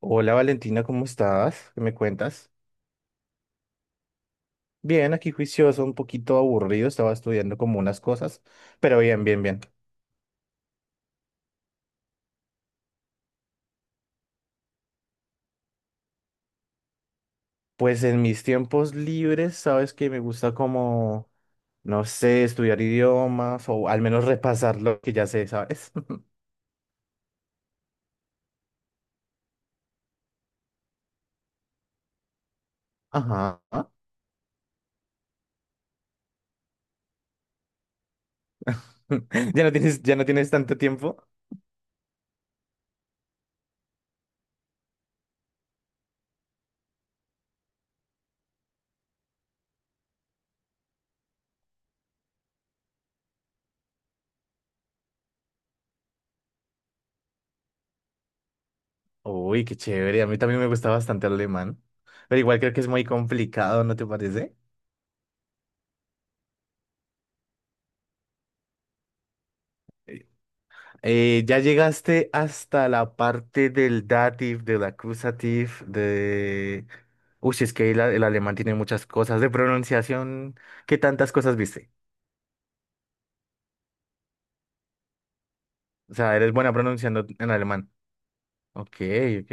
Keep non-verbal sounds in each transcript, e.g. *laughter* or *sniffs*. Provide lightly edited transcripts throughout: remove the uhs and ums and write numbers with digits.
Hola Valentina, ¿cómo estás? ¿Qué me cuentas? Bien, aquí juicioso, un poquito aburrido, estaba estudiando como unas cosas, pero bien, bien, bien. Pues en mis tiempos libres, sabes que me gusta como, no sé, estudiar idiomas o al menos repasar lo que ya sé, ¿sabes? *laughs* Ajá. *laughs* ¿Ya no tienes tanto tiempo? Uy, qué chévere, a mí también me gusta bastante el alemán, pero igual creo que es muy complicado, ¿no te parece? ¿Ya llegaste hasta la parte del dative, del accusative, de...? Uy, si es que el alemán tiene muchas cosas de pronunciación. ¿Qué tantas cosas viste? O sea, eres buena pronunciando en alemán. Ok, ok,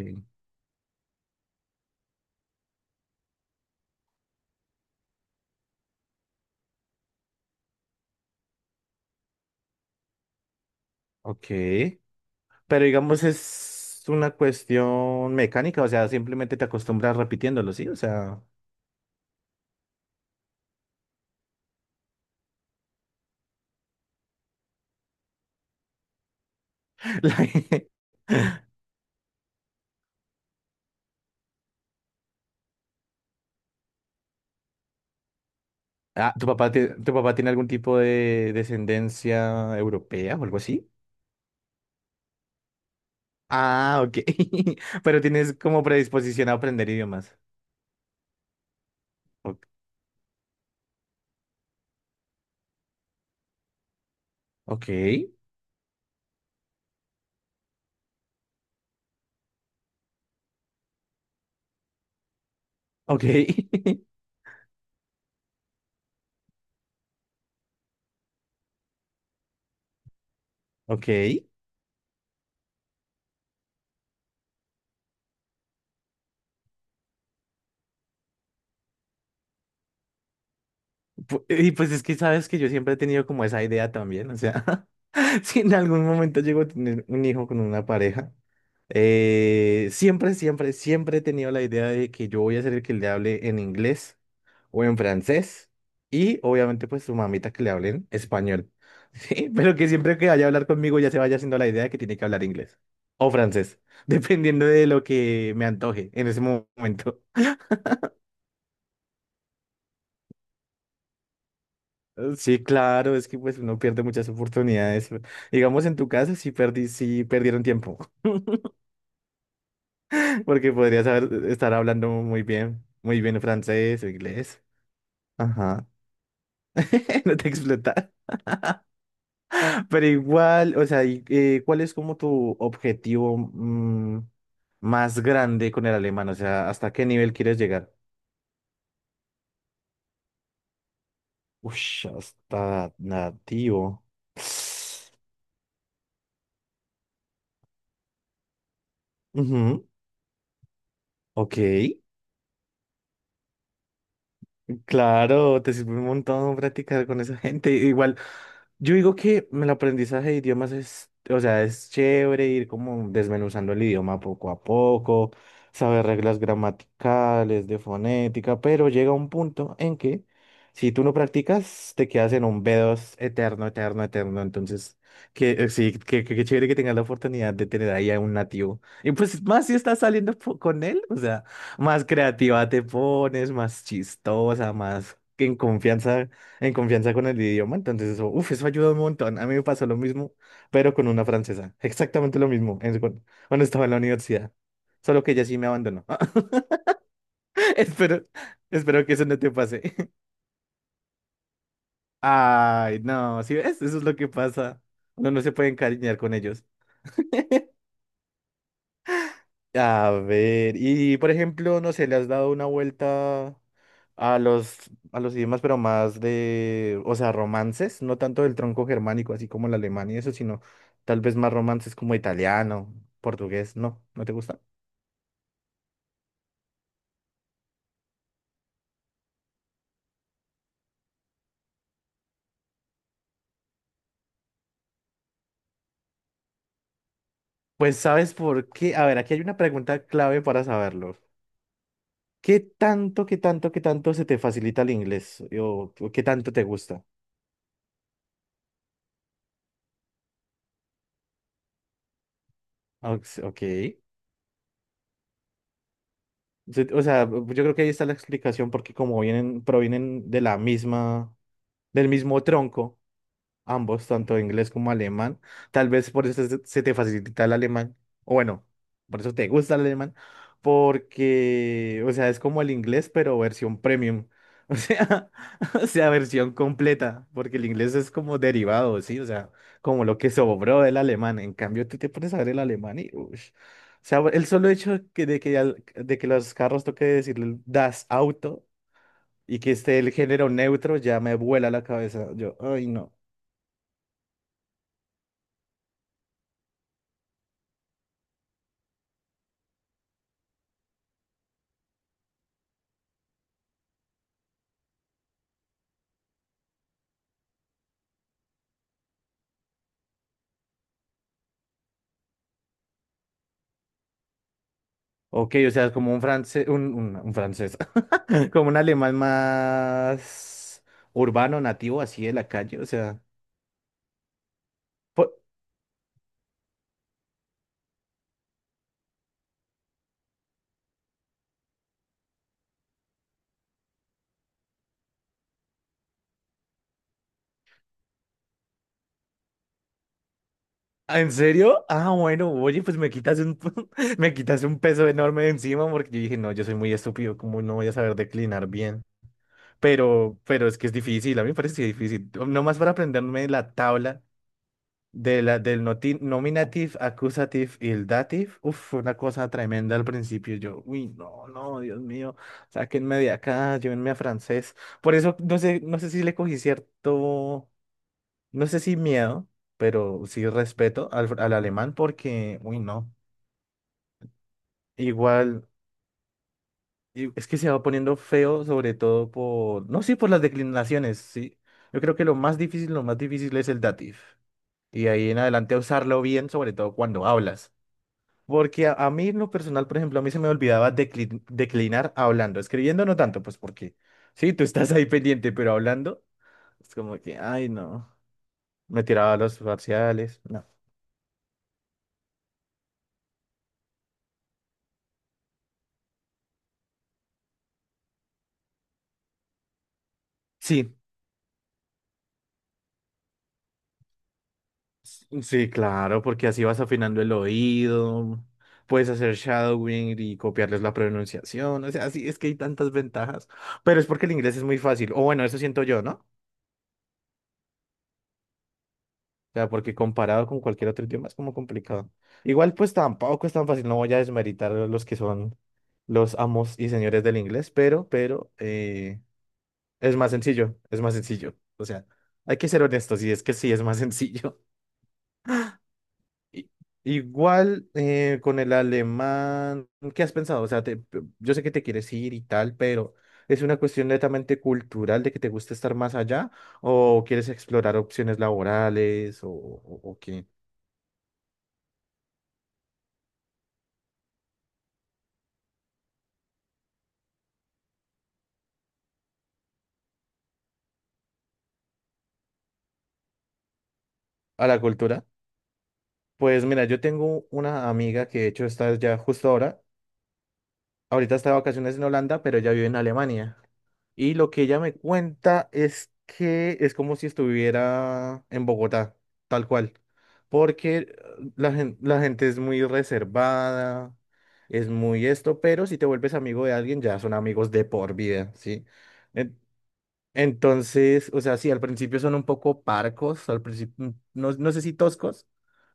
ok. Pero digamos es una cuestión mecánica, o sea, simplemente te acostumbras repitiéndolo, ¿sí? O sea, *laughs* la- *laughs* Ah, ¿tu papá, tu papá tiene algún tipo de descendencia europea o algo así? Ah, ok. *laughs* Pero tienes como predisposición a aprender idiomas. O- Ok, ok, *laughs* ok. Y pues es que sabes que yo siempre he tenido como esa idea también. O sea, *laughs* si en algún momento llego a tener un hijo con una pareja, siempre, siempre, siempre he tenido la idea de que yo voy a ser el que le hable en inglés. O en francés, y obviamente pues su mamita que le hablen español, *laughs* ¿sí? Pero que siempre que vaya a hablar conmigo ya se vaya haciendo la idea de que tiene que hablar inglés o francés, *laughs* dependiendo de lo que me antoje en ese momento. *laughs* Sí, claro, es que pues uno pierde muchas oportunidades. Digamos en tu casa sí perdí, sí perdieron tiempo, *laughs* porque estar hablando muy bien francés o inglés. Ajá, *laughs* no te explota. Pero igual, o sea, y, ¿cuál es como tu objetivo más grande con el alemán? O sea, ¿hasta qué nivel quieres llegar? Ush, hasta nativo. *sniffs* *sighs* Ujú, ok. Claro, te sirve un montón practicar con esa gente. Igual, yo digo que el aprendizaje de idiomas es, o sea, es chévere ir como desmenuzando el idioma poco a poco, saber reglas gramaticales, de fonética, pero llega un punto en que si tú no practicas, te quedas en un B2 eterno, eterno, eterno. Entonces, que sí, que chévere que tengas la oportunidad de tener ahí a un nativo. Y pues más si estás saliendo con él, o sea. Más creativa te pones, más chistosa, más que en confianza con el idioma. Entonces eso, uf, eso ayuda un montón. A mí me pasó lo mismo, pero con una francesa. Exactamente lo mismo cuando estaba en la universidad. Solo que ella sí me abandonó. *laughs* Espero, espero que eso no te pase. *laughs* Ay, no, ¿si ves? Eso es lo que pasa. Uno no se puede encariñar con ellos. A ver, y por ejemplo, no sé, ¿le has dado una vuelta a los idiomas, pero más de, o sea, romances, no tanto del tronco germánico, así como el alemán y eso, sino tal vez más romances como italiano, portugués, ¿no? ¿No te gusta? Pues sabes por qué, a ver, aquí hay una pregunta clave para saberlo. ¿Qué tanto, qué tanto, qué tanto se te facilita el inglés? O qué tanto te gusta? Ok. O sea, yo creo que ahí está la explicación porque como vienen, provienen de la misma del mismo tronco, ambos, tanto inglés como alemán. Tal vez por eso se te facilita el alemán, o bueno, por eso te gusta el alemán, porque, o sea, es como el inglés, pero versión premium. *laughs* O sea, o sea, versión completa, porque el inglés es como derivado, ¿sí? O sea, como lo que sobró del alemán. En cambio, tú te pones a ver el alemán y, ush. O sea, el solo hecho que, de que, al- de que los carros toque decirle das Auto y que esté el género neutro ya me vuela la cabeza. Yo, ay, no. Ok, o sea, como un francés, un francés, *laughs* como un alemán más urbano, nativo, así de la calle, o sea. po- ¿Ah, ¿En serio? Ah, bueno, oye, pues me quitas un, *laughs* me quitas un peso enorme de encima porque yo dije, no, yo soy muy estúpido, como no voy a saber declinar bien? Pero es que es difícil, a mí me parece difícil. Nomás para aprenderme la tabla de nominative, accusative y el dative, uf, fue una cosa tremenda al principio. Yo, uy, no, no, Dios mío, sáquenme de acá, llévenme a francés. Por eso no sé, no sé si le cogí cierto, no sé si miedo, pero sí respeto al alemán porque, uy, no, igual, es que se va poniendo feo, sobre todo por, no, sí, por las declinaciones, sí. Yo creo que lo más difícil es el dative. Y ahí en adelante usarlo bien, sobre todo cuando hablas. Porque a mí en lo personal, por ejemplo, a mí se me olvidaba declinar hablando, escribiendo no tanto, pues porque sí, tú estás ahí pendiente, pero hablando es como que, ay, no, me tiraba los parciales, no. Sí, sí, claro, porque así vas afinando el oído, puedes hacer shadowing y copiarles la pronunciación, o sea, sí, es que hay tantas ventajas, pero es porque el inglés es muy fácil, o bueno, eso siento yo, ¿no? O sea, porque comparado con cualquier otro idioma es como complicado. Igual pues tampoco es tan fácil, no voy a desmeritar a los que son los amos y señores del inglés, pero es más sencillo, es más sencillo. O sea, hay que ser honestos y es que sí, es más *laughs* sencillo. I- Igual con el alemán, ¿qué has pensado? O sea, yo sé que te quieres ir y tal, pero ¿es una cuestión netamente cultural de que te gusta estar más allá o quieres explorar opciones laborales o o qué? ¿A la cultura? Pues mira, yo tengo una amiga que de hecho está ya justo ahora, ahorita está de vacaciones en Holanda, pero ella vive en Alemania. Y lo que ella me cuenta es que es como si estuviera en Bogotá, tal cual. Porque la gente es muy reservada, es muy esto, pero si te vuelves amigo de alguien ya son amigos de por vida, ¿sí? Entonces, o sea, sí, al principio son un poco parcos, al principio, no, no sé si toscos,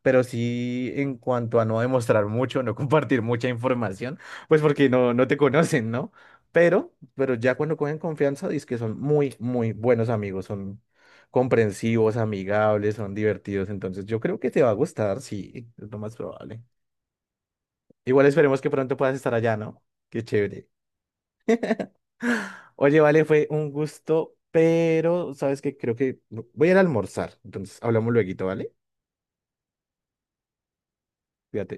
pero sí en cuanto a no demostrar mucho, no *laughs* compartir mucha información, pues porque no, no te conocen, ¿no? Pero ya cuando cogen confianza, dices que son muy, muy buenos amigos, son comprensivos, amigables, son divertidos, entonces yo creo que te va a gustar, sí, es lo más probable. Igual esperemos que pronto puedas estar allá, ¿no? Qué chévere. Oye, vale, fue un gusto, pero sabes que creo que voy a ir a almorzar. Entonces, hablamos luego, ¿vale? Fíjate.